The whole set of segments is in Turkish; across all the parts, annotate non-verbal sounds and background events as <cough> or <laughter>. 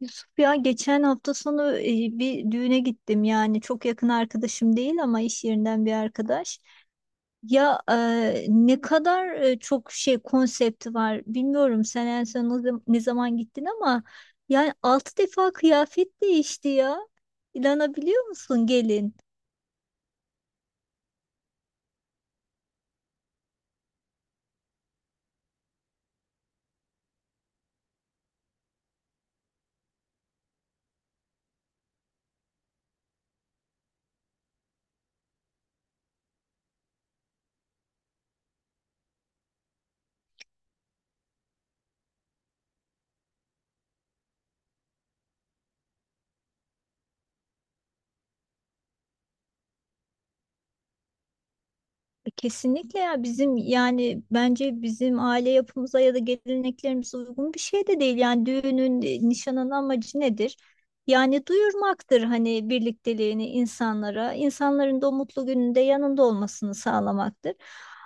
Yusuf, ya geçen hafta sonu bir düğüne gittim, yani çok yakın arkadaşım değil ama iş yerinden bir arkadaş. Ya, ne kadar çok şey konsepti var, bilmiyorum sen en son ne zaman gittin, ama yani 6 defa kıyafet değişti ya. İnanabiliyor musun gelin? Kesinlikle ya, bizim yani bence bizim aile yapımıza ya da geleneklerimize uygun bir şey de değil. Yani düğünün, nişanın amacı nedir? Yani duyurmaktır, hani birlikteliğini insanlara, insanların da o mutlu gününde yanında olmasını sağlamaktır.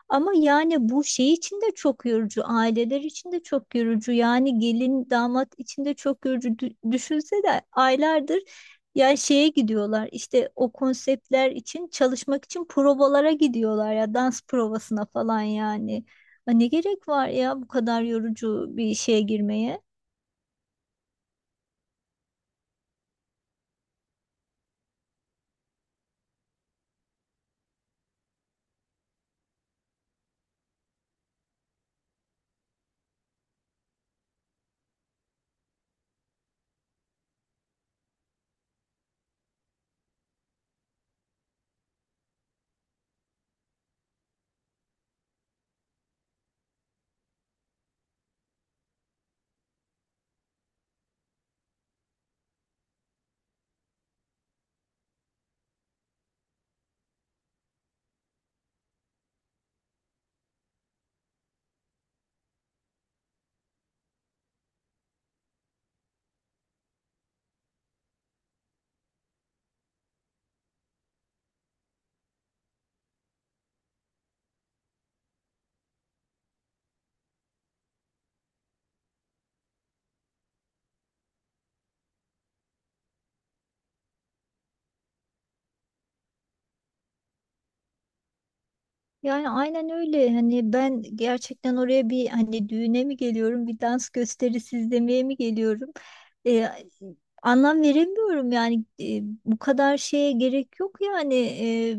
Ama yani bu şey için de çok yorucu, aileler için de çok yorucu. Yani gelin damat için de çok yorucu. Düşünse de aylardır ya şeye gidiyorlar işte, o konseptler için çalışmak için provalara gidiyorlar ya, dans provasına falan yani. Ha, ne gerek var ya bu kadar yorucu bir şeye girmeye? Yani aynen öyle, hani ben gerçekten oraya bir, hani düğüne mi geliyorum bir dans gösterisi izlemeye mi geliyorum? Ee, Anlam veremiyorum yani. Bu kadar şeye gerek yok, yani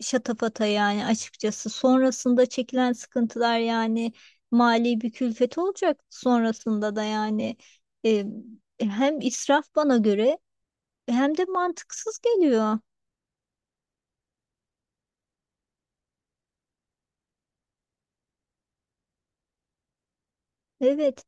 şatafata yani, açıkçası. Sonrasında çekilen sıkıntılar, yani mali bir külfet olacak sonrasında da yani. E, Hem israf bana göre hem de mantıksız geliyor. Evet.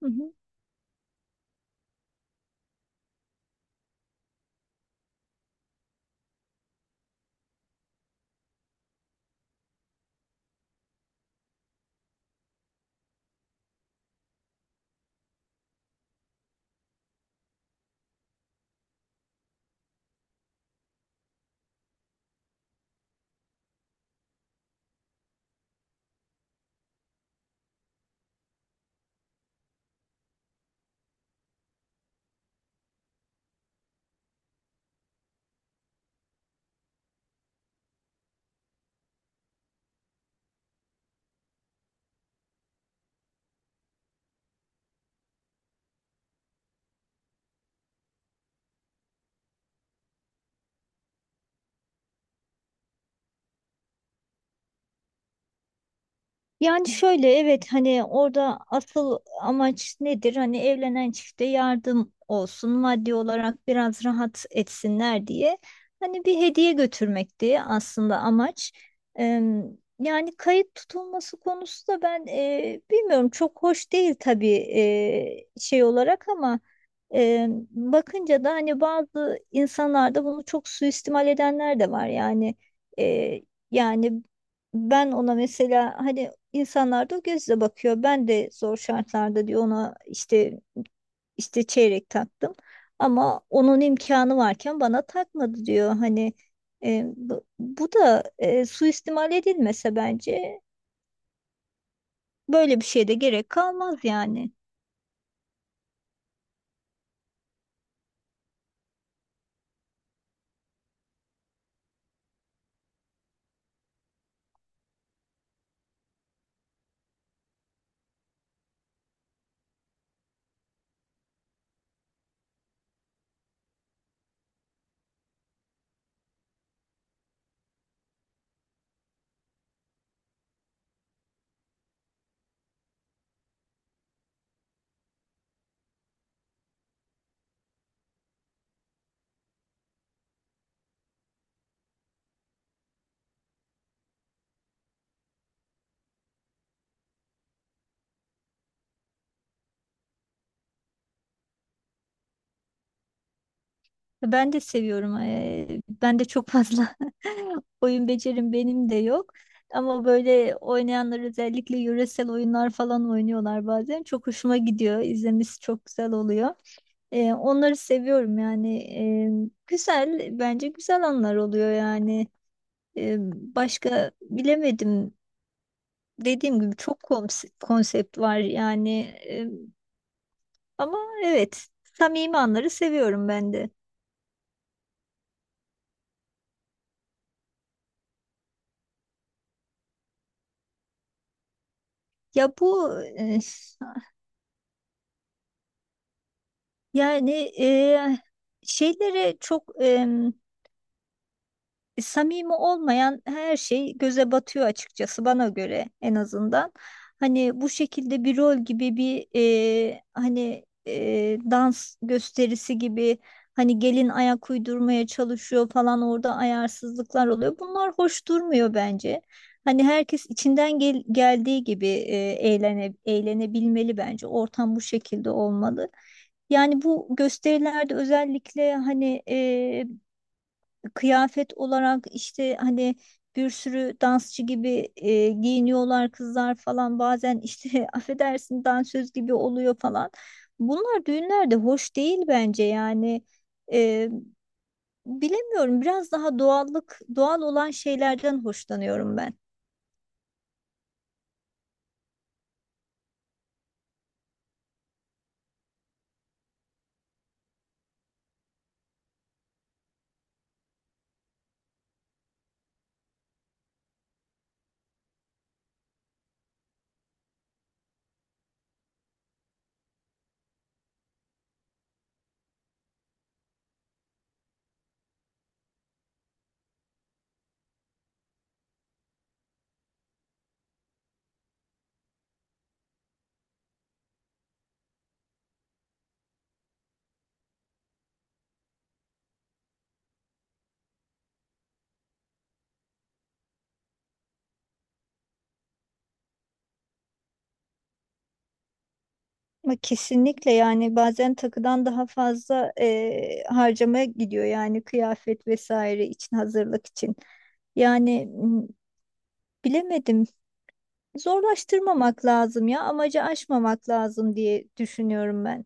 Hı hı. Yani şöyle, evet, hani orada asıl amaç nedir? Hani evlenen çifte yardım olsun, maddi olarak biraz rahat etsinler diye. Hani bir hediye götürmekti aslında amaç. Eee, Yani kayıt tutulması konusu da ben bilmiyorum, çok hoş değil tabii şey olarak, ama bakınca da hani bazı insanlarda bunu çok suistimal edenler de var. Yani eee, yani ben ona mesela, hani İnsanlar da o gözle bakıyor. Ben de zor şartlarda diyor ona işte çeyrek taktım. Ama onun imkanı varken bana takmadı diyor. Hani bu da suistimal edilmese bence böyle bir şeye de gerek kalmaz yani. Ben de seviyorum. Ben de çok fazla <laughs> oyun becerim benim de yok. Ama böyle oynayanlar özellikle yöresel oyunlar falan oynuyorlar bazen. Çok hoşuma gidiyor. İzlemesi çok güzel oluyor. Onları seviyorum yani. Güzel, bence güzel anlar oluyor yani. E, Başka bilemedim. Dediğim gibi çok konsept var yani. Ama evet, samimi anları seviyorum ben de. Ya bu yani e, şeylere çok. Samimi olmayan her şey göze batıyor, açıkçası bana göre en azından. Hani bu şekilde bir rol gibi bir, hani dans gösterisi gibi, hani gelin ayak uydurmaya çalışıyor falan, orada ayarsızlıklar oluyor. Bunlar hoş durmuyor bence. Hani herkes içinden geldiği gibi eğlene eğlenebilmeli bence. Ortam bu şekilde olmalı. Yani bu gösterilerde özellikle hani, kıyafet olarak işte hani, bir sürü dansçı gibi giyiniyorlar kızlar falan bazen işte <laughs> affedersin, dansöz gibi oluyor falan. Bunlar düğünlerde hoş değil bence yani. E, Bilemiyorum, biraz daha doğallık, doğal olan şeylerden hoşlanıyorum ben. Ama kesinlikle, yani bazen takıdan daha fazla harcamaya gidiyor yani, kıyafet vesaire için, hazırlık için. Yani bilemedim. Zorlaştırmamak lazım ya, amacı aşmamak lazım diye düşünüyorum ben.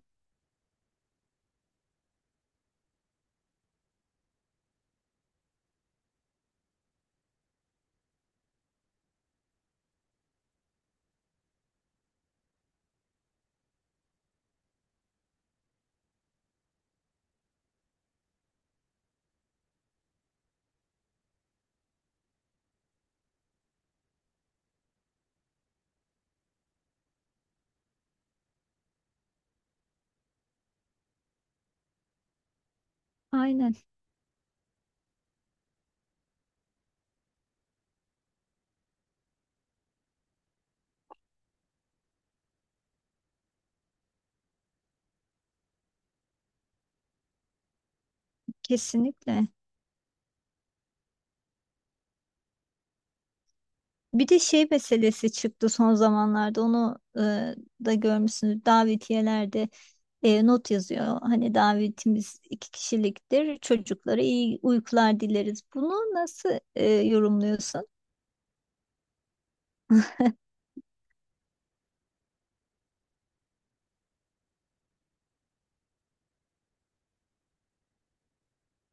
Aynen, kesinlikle. Bir de şey meselesi çıktı son zamanlarda, onu da görmüşsünüz davetiyelerde, not yazıyor. Hani davetimiz iki kişiliktir, çocuklara iyi uykular dileriz. Bunu nasıl yorumluyorsun?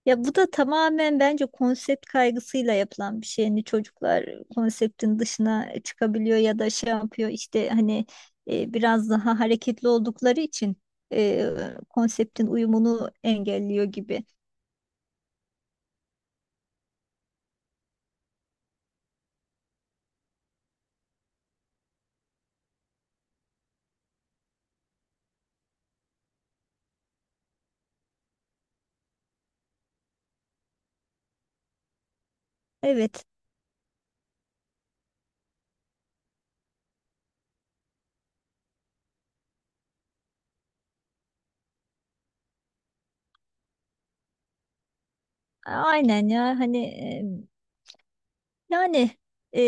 Ya bu da tamamen bence konsept kaygısıyla yapılan bir şey. Hani çocuklar konseptin dışına çıkabiliyor ya da şey yapıyor işte, hani biraz daha hareketli oldukları için e, konseptin uyumunu engelliyor gibi. Evet, aynen ya, hani yani e,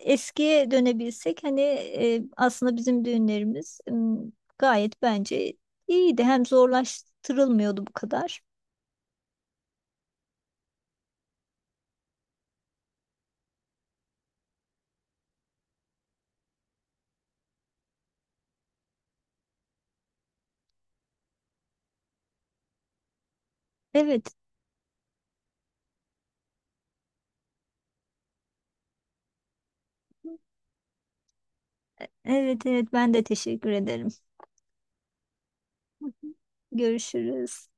eskiye dönebilsek, hani aslında bizim düğünlerimiz gayet bence iyiydi. Hem zorlaştırılmıyordu bu kadar. Evet. Evet, evet, ben de teşekkür ederim. <laughs> Görüşürüz.